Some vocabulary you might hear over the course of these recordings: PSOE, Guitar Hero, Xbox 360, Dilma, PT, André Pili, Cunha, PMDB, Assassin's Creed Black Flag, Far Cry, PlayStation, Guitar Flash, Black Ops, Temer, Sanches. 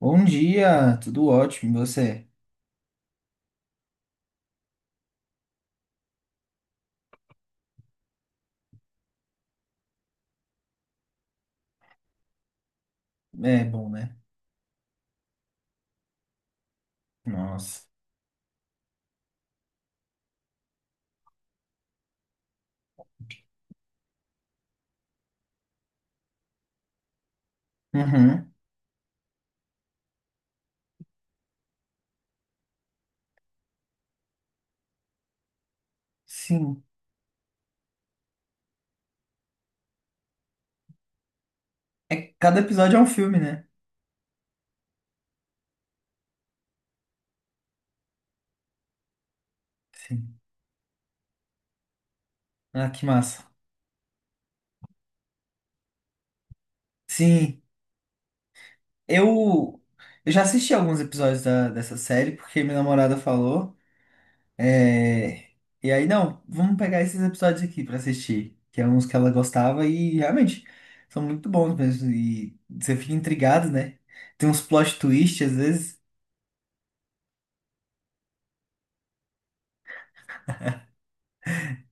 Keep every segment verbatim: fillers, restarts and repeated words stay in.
Bom dia, tudo ótimo, e você? É bom, né? Nossa. Uhum, sim. É, que cada episódio é um filme, né? Sim. Ah, que massa. Sim, eu, eu já assisti alguns episódios da, dessa série, porque minha namorada falou. é, E aí, não, vamos pegar esses episódios aqui pra assistir, que é uns que ela gostava e realmente são muito bons mesmo. E você fica intrigado, né? Tem uns plot twist às vezes.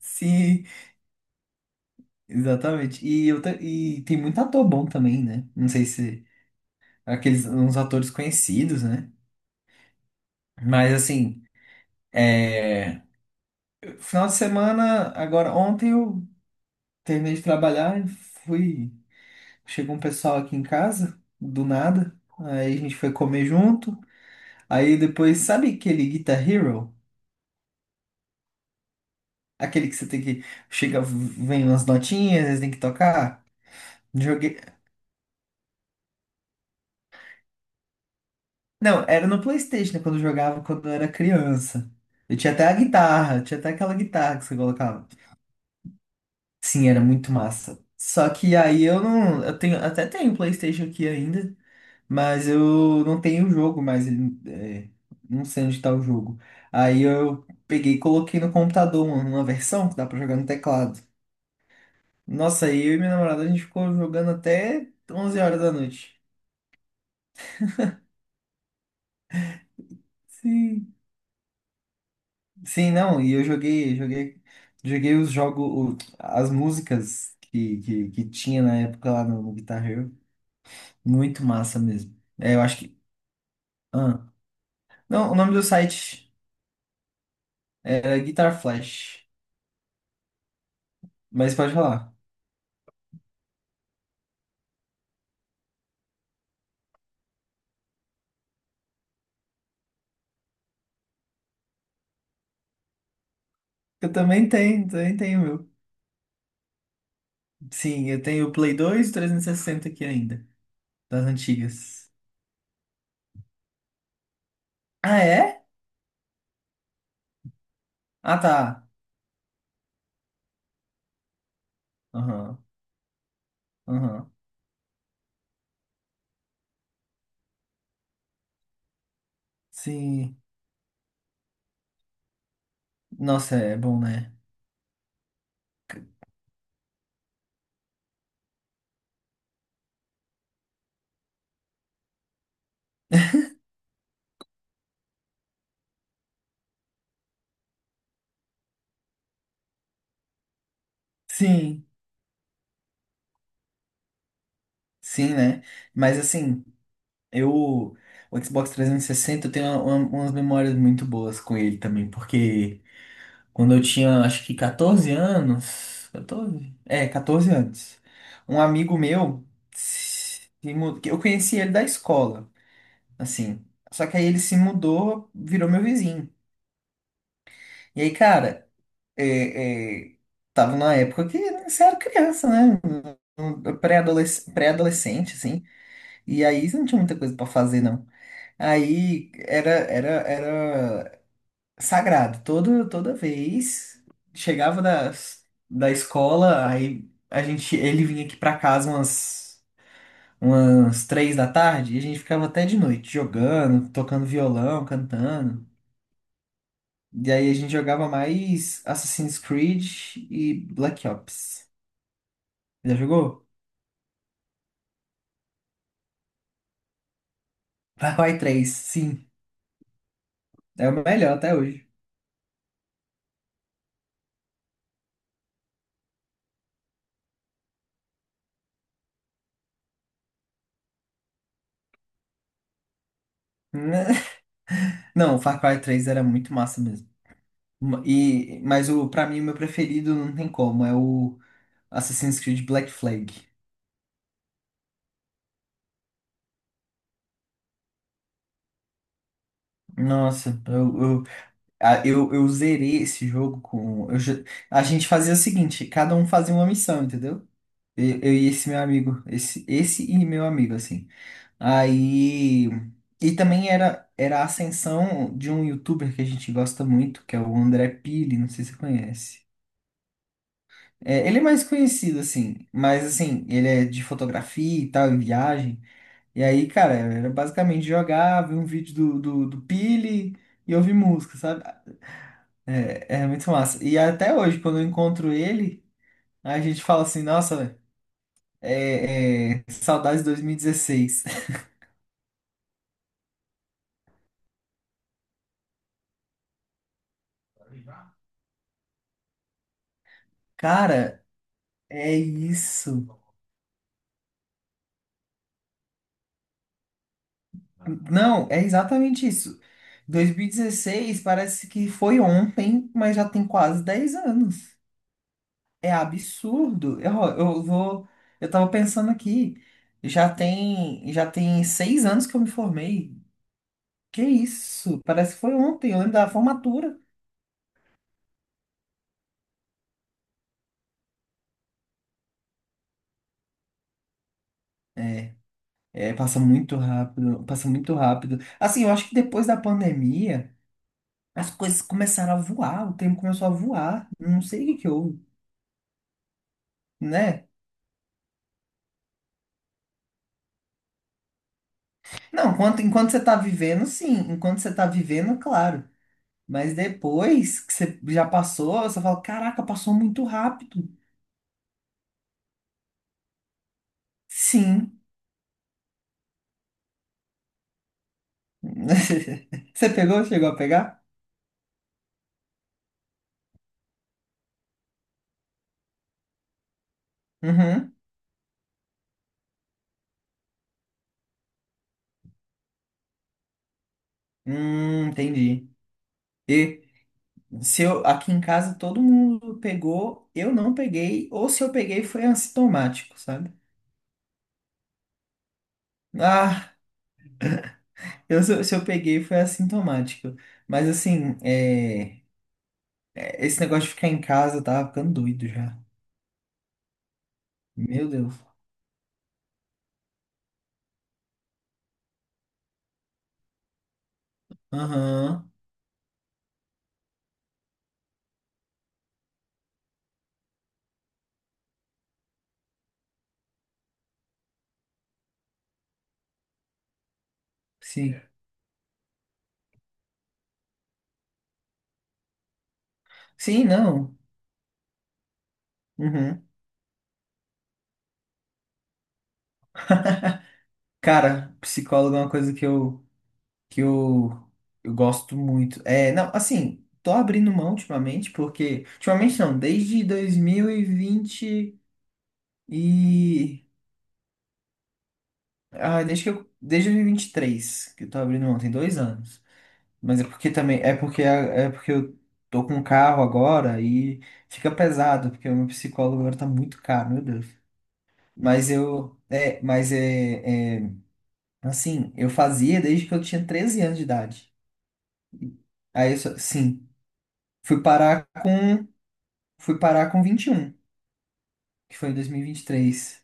Sim, exatamente. E, eu, ta- e tem muito ator bom também, né? Não sei se aqueles uns atores conhecidos, né? Mas assim, é, final de semana, agora ontem eu terminei de trabalhar e fui. Chegou um pessoal aqui em casa, do nada. Aí a gente foi comer junto. Aí depois, sabe aquele Guitar Hero? Aquele que você tem que. Chega, vem umas notinhas, tem que tocar. Joguei, não, era no PlayStation, né, quando eu jogava quando eu era criança. Eu tinha até a guitarra, tinha até aquela guitarra que você colocava. Sim, era muito massa. Só que aí eu não. Eu tenho, até tenho PlayStation aqui ainda, mas eu não tenho o jogo mais. Ele- é, não sei onde tá o jogo. Aí eu peguei e coloquei no computador uma, uma versão que dá pra jogar no teclado. Nossa, aí eu e minha namorada a gente ficou jogando até onze horas da noite. Sim. Sim, não, e eu joguei, joguei, joguei os jogos, as músicas que, que, que tinha na época lá no, no Guitar Hero. Muito massa mesmo. É, eu acho que. Ah, não, o nome do site era Guitar Flash. Mas pode falar. Eu também tenho, também tenho o meu. Sim, eu tenho o Play dois e trezentos e sessenta aqui ainda, das antigas. Ah, é? Ah, tá. Aham, aham. Sim. Nossa, é bom, né? Sim, sim, né? Mas assim. Eu, o Xbox trezentos e sessenta, eu tenho uma- uma- umas memórias muito boas com ele também, porque quando eu tinha, acho que quatorze anos, quatorze? É, quatorze anos, um amigo meu, se mu- que eu conheci ele da escola, assim, só que aí ele se mudou, virou meu vizinho. E aí, cara, é, é, tava numa época que você era criança, né? Um- um Pré-adolesc- pré-adolescente, assim, e aí você não tinha muita coisa pra fazer, não. Aí era, era, era sagrado. Todo, toda vez chegava da, da escola, aí a gente, ele vinha aqui pra casa umas, umas três da tarde e a gente ficava até de noite jogando, tocando violão, cantando. E aí a gente jogava mais Assassin's Creed e Black Ops. Já jogou? Far Cry três? Sim. É o melhor até hoje. Não, Far Cry três era muito massa mesmo. E, mas o, pra mim, o meu preferido não tem como, é o Assassin's Creed Black Flag. Nossa, eu, eu, a- eu, eu zerei esse jogo com. Eu já- a gente fazia o seguinte, cada um fazia uma missão, entendeu? Eu, eu e esse meu amigo, esse, esse e meu amigo, assim. Aí. E também era, era a ascensão de um youtuber que a gente gosta muito, que é o André Pili, não sei se você conhece. É, ele é mais conhecido, assim, mas assim, ele é de fotografia e tal, e viagem. E aí, cara, era basicamente jogar, ver um vídeo do, do, do Pili e ouvir música, sabe? É, é muito massa. E até hoje, quando eu encontro ele, a gente fala assim, nossa, é, é, saudades de dois mil e dezesseis. Cara, é isso. Não, é exatamente isso. dois mil e dezesseis parece que foi ontem, mas já tem quase dez anos. É absurdo. Eu, eu vou. Eu tava pensando aqui. Já tem, já tem seis anos que eu me formei. Que isso? Parece que foi ontem, eu lembro da formatura. É, é, Passa muito rápido, passa muito rápido. Assim, eu acho que depois da pandemia, as coisas começaram a voar, o tempo começou a voar. Não sei o que que houve, né? Não, enquanto, enquanto você tá vivendo, sim. Enquanto você tá vivendo, claro. Mas depois que você já passou, você fala, caraca, passou muito rápido. Sim. Você pegou? Chegou a pegar? Uhum. Hum, entendi. E Se eu, aqui em casa todo mundo pegou, eu não peguei, ou se eu peguei foi assintomático, sabe? Ah, eu, se eu se eu peguei foi assintomático. Mas assim, é, é, esse negócio de ficar em casa eu tava ficando doido já. Meu Deus. Aham, sim. Sim, não. Uhum. Cara, psicólogo é uma coisa que eu, que eu, eu gosto muito. É, não, assim, tô abrindo mão ultimamente, porque. Ultimamente não, desde dois mil e vinte E Ah, desde que eu, desde dois mil e vinte e três, que eu tô abrindo mão, tem dois anos. Mas é porque também, é porque, é porque eu tô com um carro agora e fica pesado, porque o meu psicólogo agora tá muito caro, meu Deus. Mas eu, é, mas é, é, assim, eu fazia desde que eu tinha treze anos de idade. Aí eu, só- sim, fui parar com, fui parar com vinte e um que foi em dois mil e vinte e três.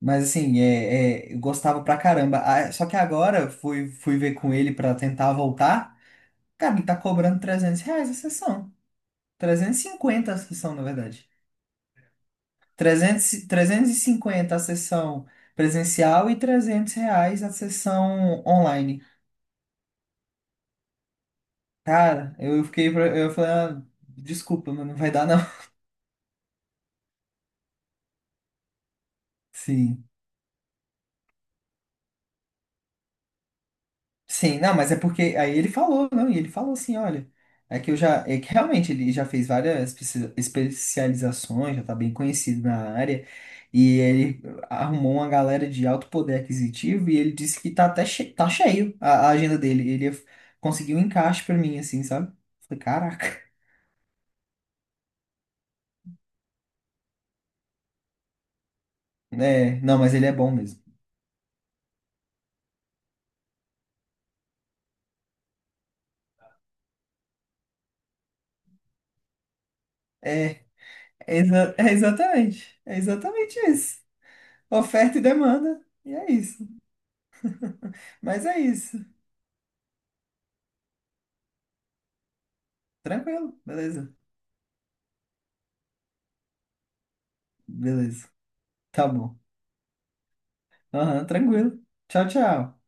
Mas assim, é, é, eu gostava pra caramba. Ah, só que agora eu fui, fui ver com ele pra tentar voltar. Cara, ele tá cobrando trezentos reais a sessão. Trezentos e cinquenta a sessão, na verdade. trezentos e- trezentos e cinquenta a sessão presencial e trezentos reais a sessão online. Cara, eu fiquei, pra- eu falei, ah, desculpa, mas não vai dar não. Sim. Sim, não, mas é porque aí ele falou, não, e ele falou assim, olha, é que eu já, é que realmente ele já fez várias espe- especializações, já tá bem conhecido na área, e ele arrumou uma galera de alto poder aquisitivo e ele disse que tá até che tá cheio a, a agenda dele, ele f- conseguiu um encaixe pra mim, assim, sabe? Falei, caraca. É, não, mas ele é bom mesmo. É, é, exa- é exatamente, é exatamente isso. Oferta e demanda, e é isso. Mas é isso. Tranquilo, beleza. Beleza. Tá bom. Aham, tranquilo. Tchau, tchau.